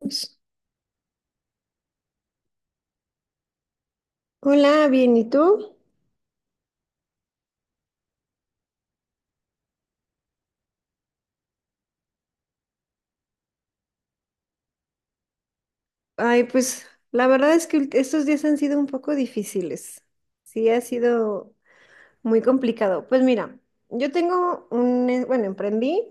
Pues, hola, bien, ¿y tú? Ay, pues la verdad es que estos días han sido un poco difíciles. Sí, ha sido muy complicado. Pues mira, yo tengo bueno, emprendí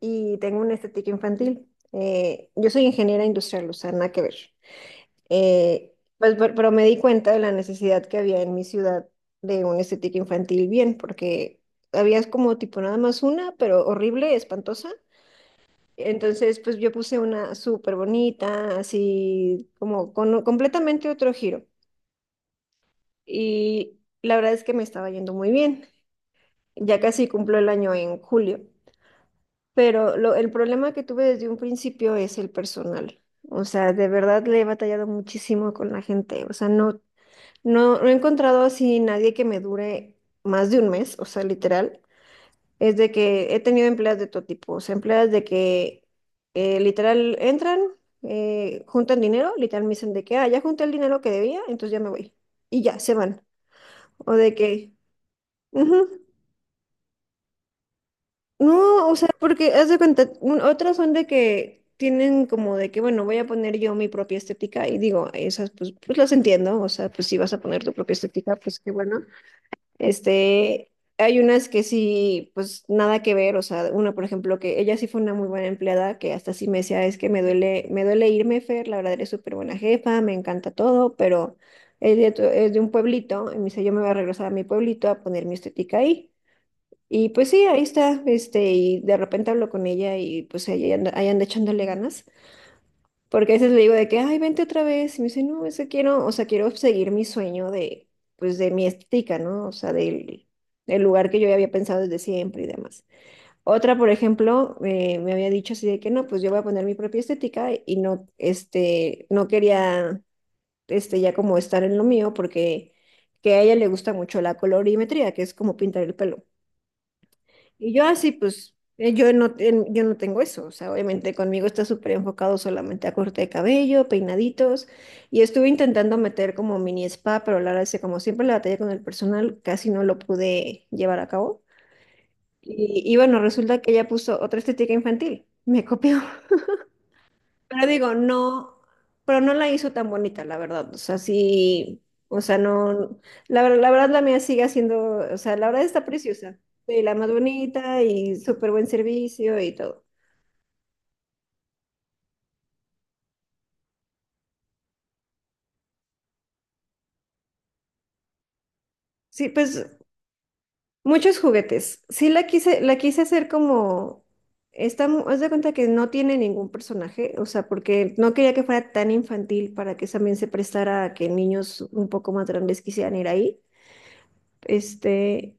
y tengo una estética infantil. Yo soy ingeniera industrial, o sea, nada que ver. Pues, pero me di cuenta de la necesidad que había en mi ciudad de una estética infantil bien, porque había como tipo nada más una, pero horrible, espantosa. Entonces, pues yo puse una súper bonita, así como con completamente otro giro. Y la verdad es que me estaba yendo muy bien. Ya casi cumplo el año en julio. Pero el problema que tuve desde un principio es el personal. O sea, de verdad le he batallado muchísimo con la gente. O sea, no, no, no he encontrado así nadie que me dure más de un mes, o sea, literal. Es de que he tenido empleadas de todo tipo, o sea, empleadas de que literal entran, juntan dinero, literal me dicen de que, ah, ya junté el dinero que debía, entonces ya me voy. Y ya, se van. O de que, ujú. No, o sea, porque haz de cuenta, otras son de que tienen como de que, bueno, voy a poner yo mi propia estética y digo, esas pues las entiendo, o sea, pues si vas a poner tu propia estética, pues qué bueno. Este, hay unas que sí, pues nada que ver, o sea, una, por ejemplo, que ella sí fue una muy buena empleada, que hasta sí me decía, es que me duele irme, Fer, la verdad eres súper buena jefa, me encanta todo, pero es de, es de un pueblito, y me dice, yo me voy a regresar a mi pueblito a poner mi estética ahí. Y pues sí, ahí está, este, y de repente hablo con ella y pues ahí anda echándole ganas. Porque a veces le digo de que, ay, vente otra vez. Y me dice, no, es que quiero, o sea, quiero seguir mi sueño de, pues, de mi estética, ¿no? O sea, del, del lugar que yo ya había pensado desde siempre y demás. Otra, por ejemplo, me había dicho así de que, no, pues yo voy a poner mi propia estética y no, este, no quería, este, ya como estar en lo mío porque que a ella le gusta mucho la colorimetría, que es como pintar el pelo. Y yo así, pues, yo no, yo no tengo eso. O sea, obviamente conmigo está súper enfocado solamente a corte de cabello, peinaditos. Y estuve intentando meter como mini spa, pero la verdad es que como siempre la batalla con el personal, casi no lo pude llevar a cabo. Y bueno, resulta que ella puso otra estética infantil. Me copió. Pero digo, no, pero no la hizo tan bonita, la verdad. O sea, sí, o sea, no, la verdad la mía sigue haciendo, o sea, la verdad está preciosa. Sí, la más bonita y súper buen servicio y todo. Sí, pues muchos juguetes. Sí, la quise hacer como, haz de cuenta que no tiene ningún personaje, o sea, porque no quería que fuera tan infantil para que también se prestara a que niños un poco más grandes quisieran ir ahí. Este,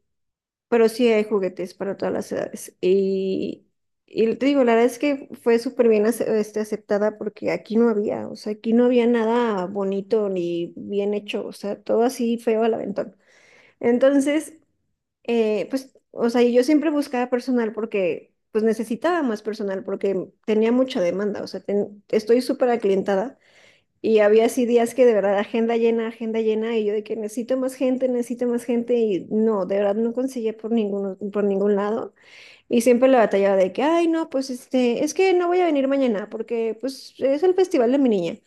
pero sí hay juguetes para todas las edades. Y te digo, la verdad es que fue súper bien aceptada porque aquí no había, o sea, aquí no había nada bonito ni bien hecho, o sea, todo así feo al aventón. Entonces, pues, o sea, y yo siempre buscaba personal porque, pues, necesitaba más personal porque tenía mucha demanda, o sea, estoy súper aclientada y había así días que de verdad agenda llena, y yo de que necesito más gente, y no, de verdad no conseguía por ningún lado. Y siempre la batallaba de que, ay, no, pues este, es que no voy a venir mañana porque pues es el festival de mi niña.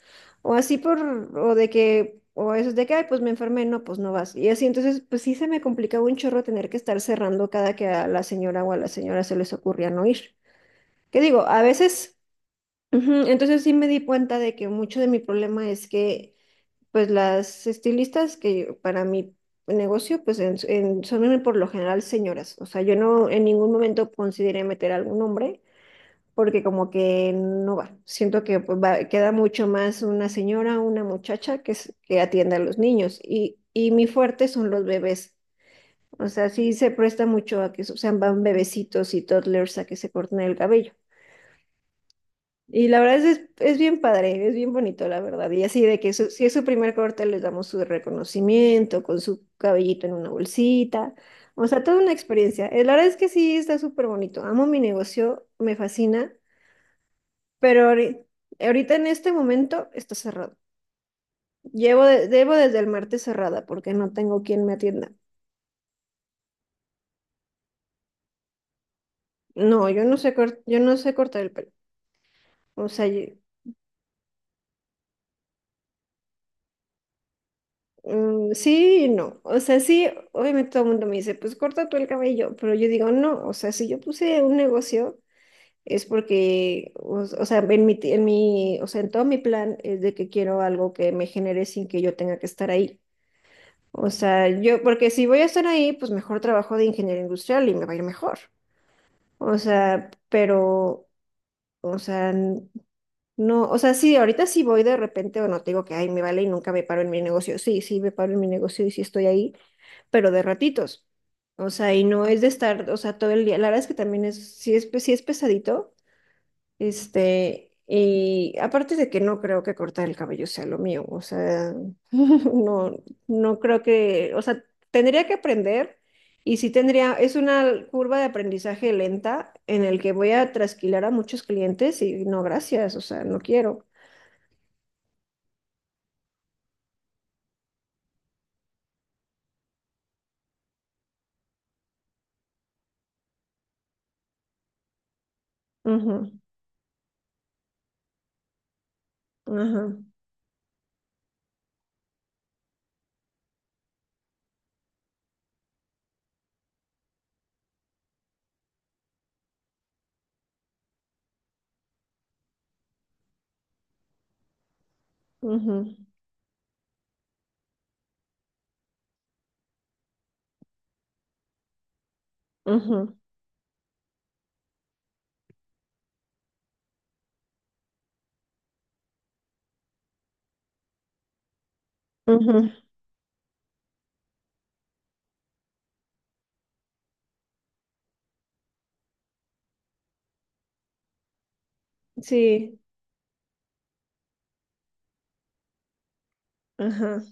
O así por, o de que, o eso de que, ay, pues me enfermé, no, pues no vas. Y así, entonces, pues sí se me complicaba un chorro tener que estar cerrando cada que a la señora o a la señora se les ocurría no ir. Que digo, a veces, ujú, entonces sí me di cuenta de que mucho de mi problema es que pues las estilistas que para mi negocio, pues son por lo general señoras. O sea, yo no en ningún momento consideré meter algún hombre porque como que no va. Siento que pues, queda mucho más una señora, una muchacha que atienda a los niños. Y mi fuerte son los bebés. O sea, sí se presta mucho a que sean van bebecitos y toddlers a que se corten el cabello. Y la verdad es bien padre, es bien bonito, la verdad. Y así de que si es su primer corte, les damos su reconocimiento con su cabellito en una bolsita. O sea, toda una experiencia. La verdad es que sí, está súper bonito. Amo mi negocio, me fascina, pero ahorita en este momento está cerrado. Llevo debo desde el martes cerrada porque no tengo quien me atienda. No, yo no sé, yo no sé cortar el pelo. O sea, mm, sí y no. O sea, sí, obviamente todo el mundo me dice, pues corta tú el cabello, pero yo digo, no, o sea, si yo puse un negocio es porque, o sea, en mi, o sea, en todo mi plan es de que quiero algo que me genere sin que yo tenga que estar ahí. O sea, yo, porque si voy a estar ahí, pues mejor trabajo de ingeniero industrial y me va a ir mejor. O sea, pero, o sea, no, o sea, sí, ahorita sí voy de repente, o no te digo que, ay, me vale y nunca me paro en mi negocio. Sí, sí, me paro en mi negocio y sí estoy ahí, pero de ratitos. O sea, y no es de estar, o sea, todo el día. La verdad es que también es, sí es, sí es pesadito, este, y aparte de que no creo que cortar el cabello sea lo mío, o sea, no, no creo que, o sea, tendría que aprender y sí tendría, es una curva de aprendizaje lenta en el que voy a trasquilar a muchos clientes y no, gracias, o sea, no quiero. Ujú. Ajá. Ujú. Ujú. Ujú. Sí. Ajá.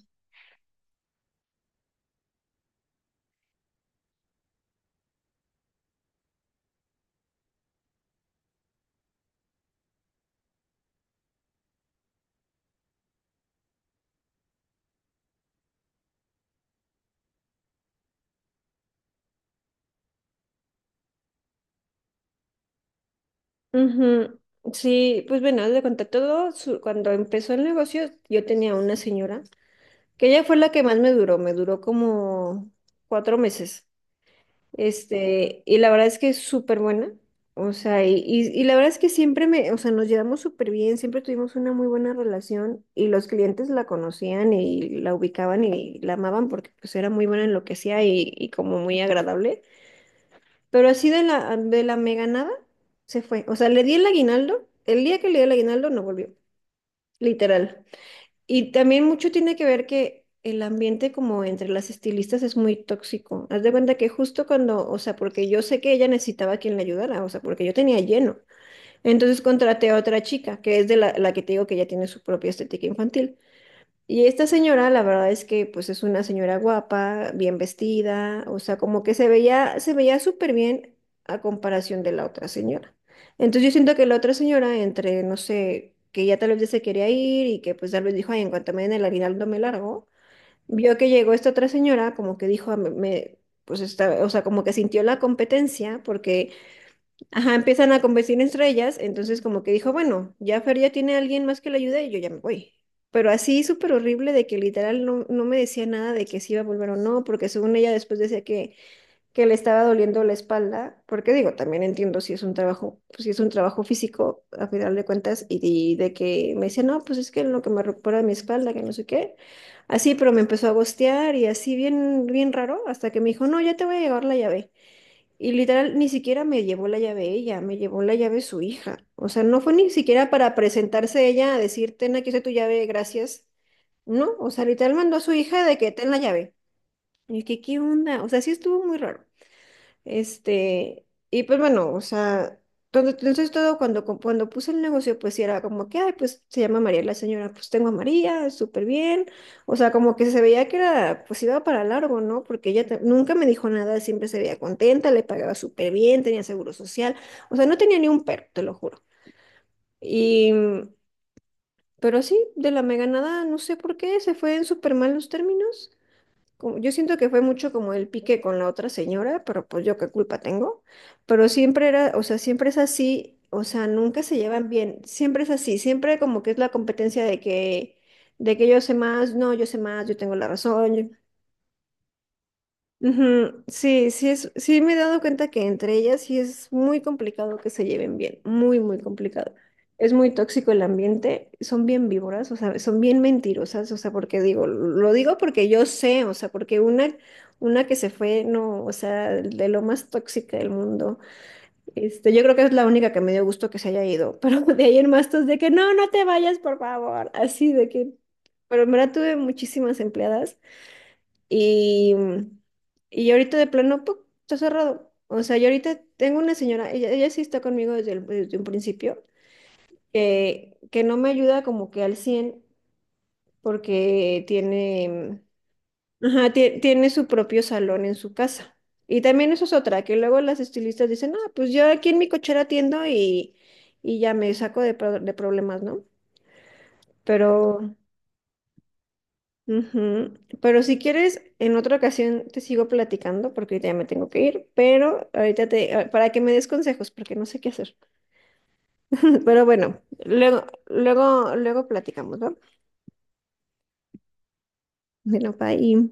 Ujú. Sí, pues bueno, haz de cuenta todo, cuando empezó el negocio, yo tenía una señora, que ella fue la que más me duró como cuatro meses. Este, y la verdad es que es súper buena. O sea, y la verdad es que siempre me, o sea, nos llevamos súper bien, siempre tuvimos una muy buena relación y los clientes la conocían y la ubicaban y la amaban porque pues era muy buena en lo que hacía y como muy agradable. Pero así de la mega nada, se fue. O sea, le di el aguinaldo, el día que le di el aguinaldo no volvió, literal. Y también mucho tiene que ver que el ambiente como entre las estilistas es muy tóxico. Haz de cuenta que justo cuando, o sea, porque yo sé que ella necesitaba a quien la ayudara, o sea, porque yo tenía lleno. Entonces contraté a otra chica, que es de la que te digo que ya tiene su propia estética infantil. Y esta señora, la verdad es que pues es una señora guapa, bien vestida, o sea, como que se veía súper bien a comparación de la otra señora. Entonces yo siento que la otra señora, entre, no sé, que ya tal vez ya se quería ir y que pues tal vez dijo, ay, en cuanto me den el aguinaldo me largo, vio que llegó esta otra señora, como que dijo, "Ah, me-", pues esta, o sea, como que sintió la competencia porque ajá, empiezan a convertir entre ellas, entonces como que dijo, bueno, ya Fer ya tiene a alguien más que le ayude y yo ya me voy. Pero así súper horrible de que literal no me decía nada de que si iba a volver o no, porque según ella después decía que le estaba doliendo la espalda, porque digo, también entiendo si es un trabajo, pues, si es un trabajo físico a final de cuentas, y de que me decía, no, pues es que lo que me recupera mi espalda, que no sé qué. Así, pero me empezó a gostear y así bien, bien raro, hasta que me dijo, no, ya te voy a llevar la llave. Y literal, ni siquiera me llevó la llave ella, me llevó la llave su hija. O sea, no fue ni siquiera para presentarse ella a decir, ten, aquí está tu llave, gracias. No, o sea, literal mandó a su hija de que ten la llave. Y que, ¿qué onda? O sea, sí estuvo muy raro. Este, y pues bueno, o sea, entonces todo cuando, cuando puse el negocio, pues sí era como que, ay, pues se llama María la señora, pues tengo a María, súper bien. O sea, como que se veía que era, pues iba para largo, ¿no? Porque ella nunca me dijo nada, siempre se veía contenta, le pagaba súper bien, tenía seguro social. O sea, no tenía ni un perro, te lo juro. Y, pero sí, de la mega nada, no sé por qué, se fue en súper malos términos yo siento que fue mucho como el pique con la otra señora, pero pues yo qué culpa tengo. Pero siempre era, o sea, siempre es así, o sea, nunca se llevan bien, siempre es así, siempre como que es la competencia de que yo sé más, no, yo sé más, yo tengo la razón. Ujú. Sí, sí es, sí me he dado cuenta que entre ellas sí es muy complicado que se lleven bien, muy, muy complicado. Es muy tóxico el ambiente, son bien víboras, o sea, son bien mentirosas, o sea, porque digo, lo digo porque yo sé, o sea, porque una que se fue, no, o sea, de lo más tóxica del mundo, este, yo creo que es la única que me dio gusto que se haya ido, pero de ahí en más todos de que no, no te vayas, por favor, así de que, pero en verdad tuve muchísimas empleadas. Y, y ahorita de plano, ¡pum! Está cerrado. O sea, yo ahorita tengo una señora, ella sí está conmigo desde, desde un principio, que no me ayuda como que al 100 porque tiene, ajá, tiene su propio salón en su casa. Y también eso es otra, que luego las estilistas dicen, ah, pues yo aquí en mi cochera atiendo y ya me saco de, de problemas, ¿no? Pero... Ujú. Pero si quieres, en otra ocasión te sigo platicando porque ahorita ya me tengo que ir, pero ahorita te, para que me des consejos porque no sé qué hacer. Pero bueno, luego, luego, luego platicamos, ¿va? Bueno, bye.